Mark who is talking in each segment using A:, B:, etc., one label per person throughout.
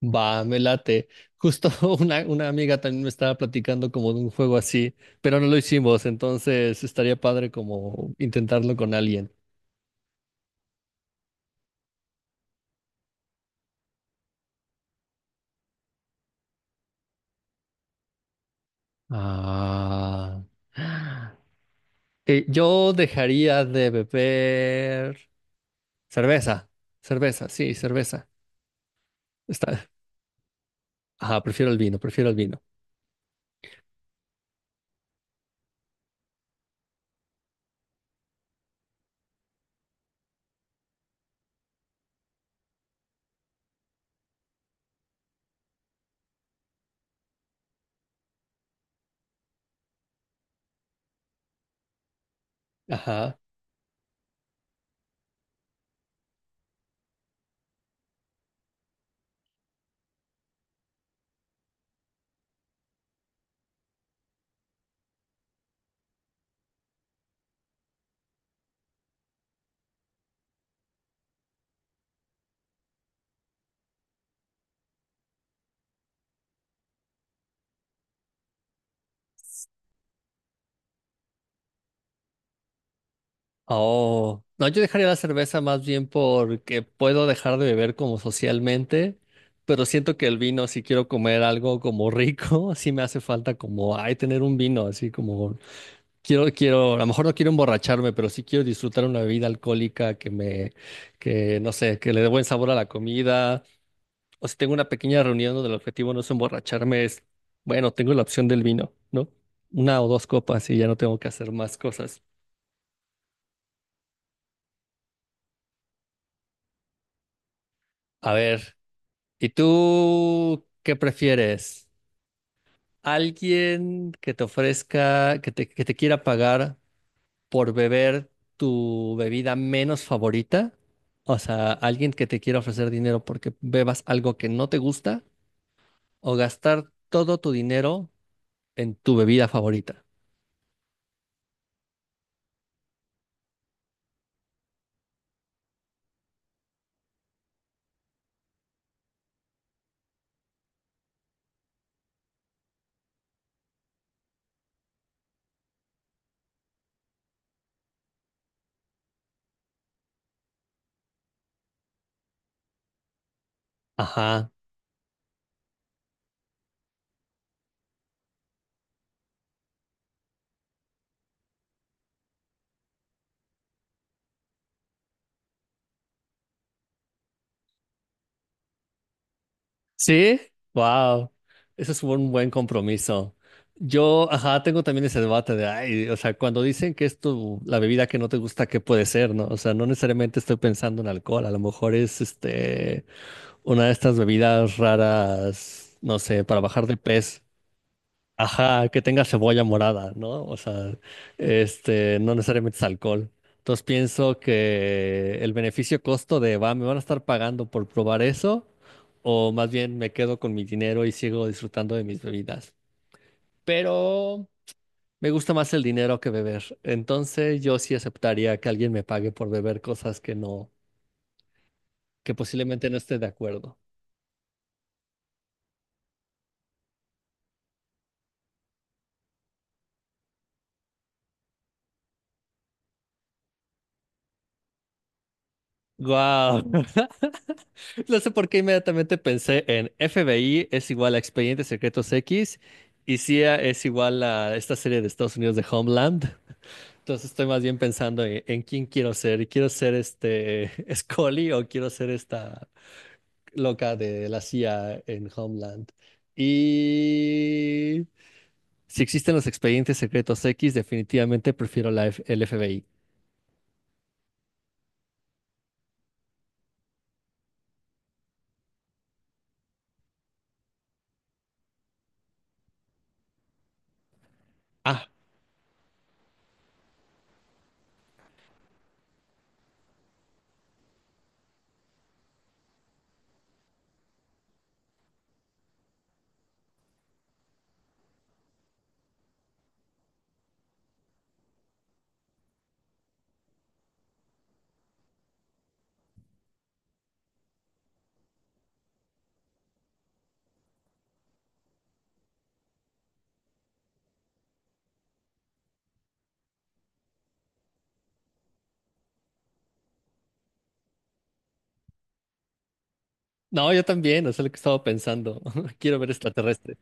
A: Va, me late. Justo una amiga también me estaba platicando como de un juego así, pero no lo hicimos, entonces estaría padre como intentarlo con alguien. Ah. Yo dejaría de beber cerveza. Cerveza, sí, cerveza. Está. Ajá, prefiero el vino, prefiero el vino. Ajá. Oh, no, yo dejaría la cerveza más bien porque puedo dejar de beber como socialmente, pero siento que el vino, si quiero comer algo como rico, sí me hace falta como, ay, tener un vino, así como, quiero, a lo mejor no quiero emborracharme, pero sí quiero disfrutar una bebida alcohólica que me, que no sé, que le dé buen sabor a la comida, o si tengo una pequeña reunión donde el objetivo no es emborracharme, es, bueno, tengo la opción del vino, ¿no? Una o dos copas y ya no tengo que hacer más cosas. A ver. ¿Y tú qué prefieres? ¿Alguien que te ofrezca, que te quiera pagar por beber tu bebida menos favorita? O sea, alguien que te quiera ofrecer dinero porque bebas algo que no te gusta o gastar todo tu dinero en tu bebida favorita. Ajá. Sí, wow, eso es un buen compromiso. Yo, ajá, tengo también ese debate de, ay, o sea, cuando dicen que es tu, la bebida que no te gusta, ¿qué puede ser, no? O sea, no necesariamente estoy pensando en alcohol, a lo mejor es, este, una de estas bebidas raras, no sé, para bajar de peso. Ajá, que tenga cebolla morada, ¿no? O sea, este, no necesariamente es alcohol. Entonces pienso que el beneficio costo de va, me van a estar pagando por probar eso, o más bien me quedo con mi dinero y sigo disfrutando de mis bebidas. Pero me gusta más el dinero que beber. Entonces yo sí aceptaría que alguien me pague por beber cosas que no, que posiblemente no esté de acuerdo. ¡Guau! No sé por qué inmediatamente pensé en FBI es igual a Expedientes Secretos X y CIA es igual a esta serie de Estados Unidos de Homeland. Entonces estoy más bien pensando en quién quiero ser. Y ¿Quiero ser este Scully o quiero ser esta loca de la CIA en Homeland? Y si existen los Expedientes Secretos X, definitivamente prefiero la el FBI. Ah, no, yo también, eso es lo que estaba pensando. Quiero ver extraterrestre.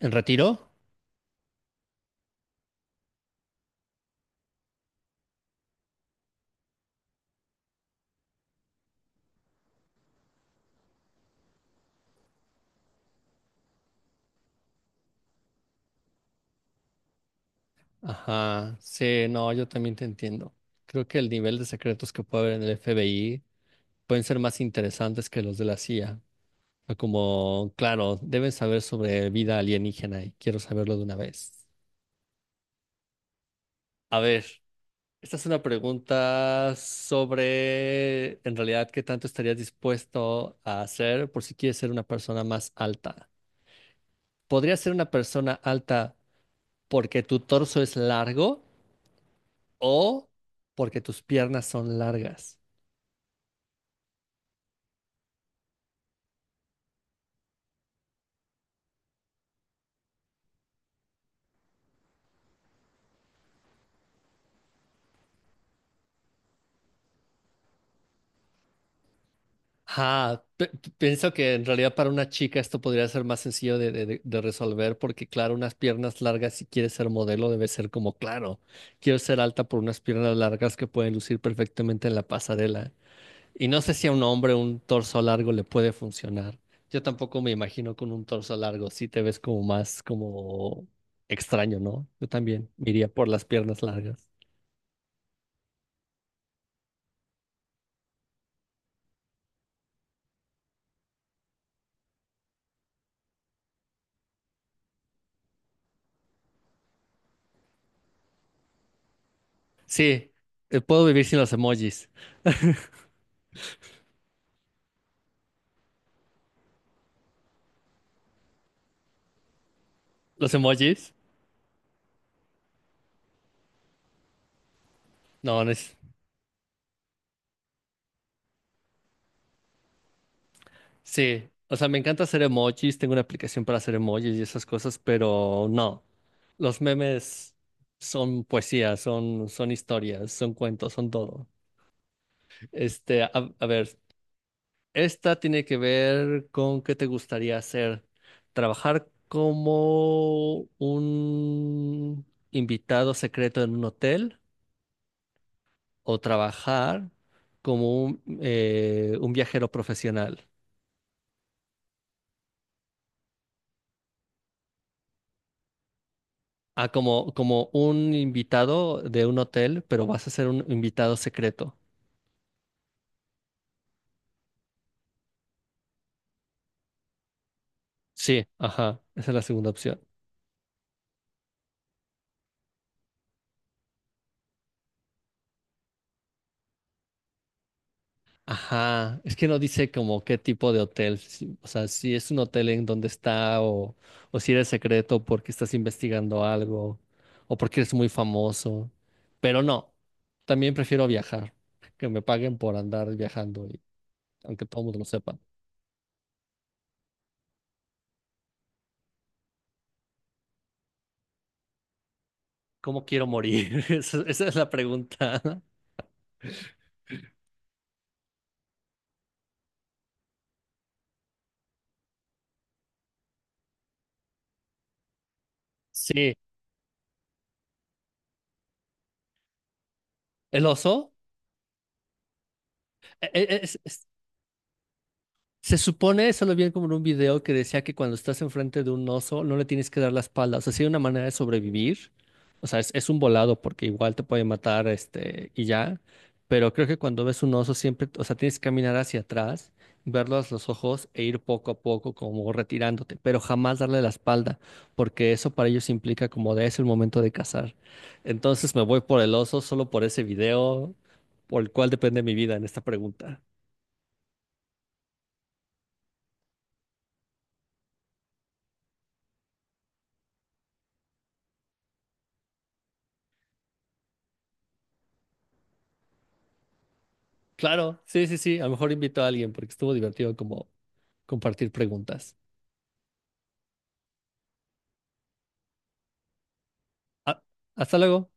A: ¿En retiro? Ajá, sí, no, yo también te entiendo. Creo que el nivel de secretos que puede haber en el FBI pueden ser más interesantes que los de la CIA. O como, claro, deben saber sobre vida alienígena y quiero saberlo de una vez. A ver, esta es una pregunta sobre, en realidad, qué tanto estarías dispuesto a hacer por si quieres ser una persona más alta. ¿Podrías ser una persona alta porque tu torso es largo o porque tus piernas son largas? Ajá, pienso que en realidad para una chica esto podría ser más sencillo de, de resolver porque claro, unas piernas largas si quieres ser modelo debe ser como claro, quiero ser alta por unas piernas largas que pueden lucir perfectamente en la pasarela. Y no sé si a un hombre un torso largo le puede funcionar. Yo tampoco me imagino con un torso largo, si te ves como más como extraño, ¿no? Yo también me iría por las piernas largas. Sí, puedo vivir sin los emojis. ¿Los emojis? No, no es. Sí, o sea, me encanta hacer emojis, tengo una aplicación para hacer emojis y esas cosas, pero no, los memes son poesía, son, son historias, son cuentos, son todo. Este, a ver, esta tiene que ver con qué te gustaría hacer, trabajar como un invitado secreto en un hotel o trabajar como un viajero profesional. Ah, como, como un invitado de un hotel, pero vas a ser un invitado secreto. Sí, ajá, esa es la segunda opción. Ajá, es que no dice como qué tipo de hotel, si- o sea, si es un hotel en donde está o si eres secreto porque estás investigando algo o porque eres muy famoso. Pero no, también prefiero viajar, que me paguen por andar viajando y aunque todo el mundo lo sepa. ¿Cómo quiero morir? Esa es la pregunta. Sí, el oso. Es, se supone, eso lo vi como en un video que decía que cuando estás enfrente de un oso no le tienes que dar la espalda. O sea, sí hay una manera de sobrevivir. O sea, es un volado porque igual te puede matar, este, y ya. Pero creo que cuando ves un oso siempre, o sea, tienes que caminar hacia atrás, verlos los ojos e ir poco a poco como retirándote, pero jamás darle la espalda, porque eso para ellos implica como de es el momento de cazar. Entonces me voy por el oso solo por ese video, por el cual depende mi vida en esta pregunta. Claro, sí, sí, sí. A lo mejor invito a alguien porque estuvo divertido como compartir preguntas. Ah, hasta luego.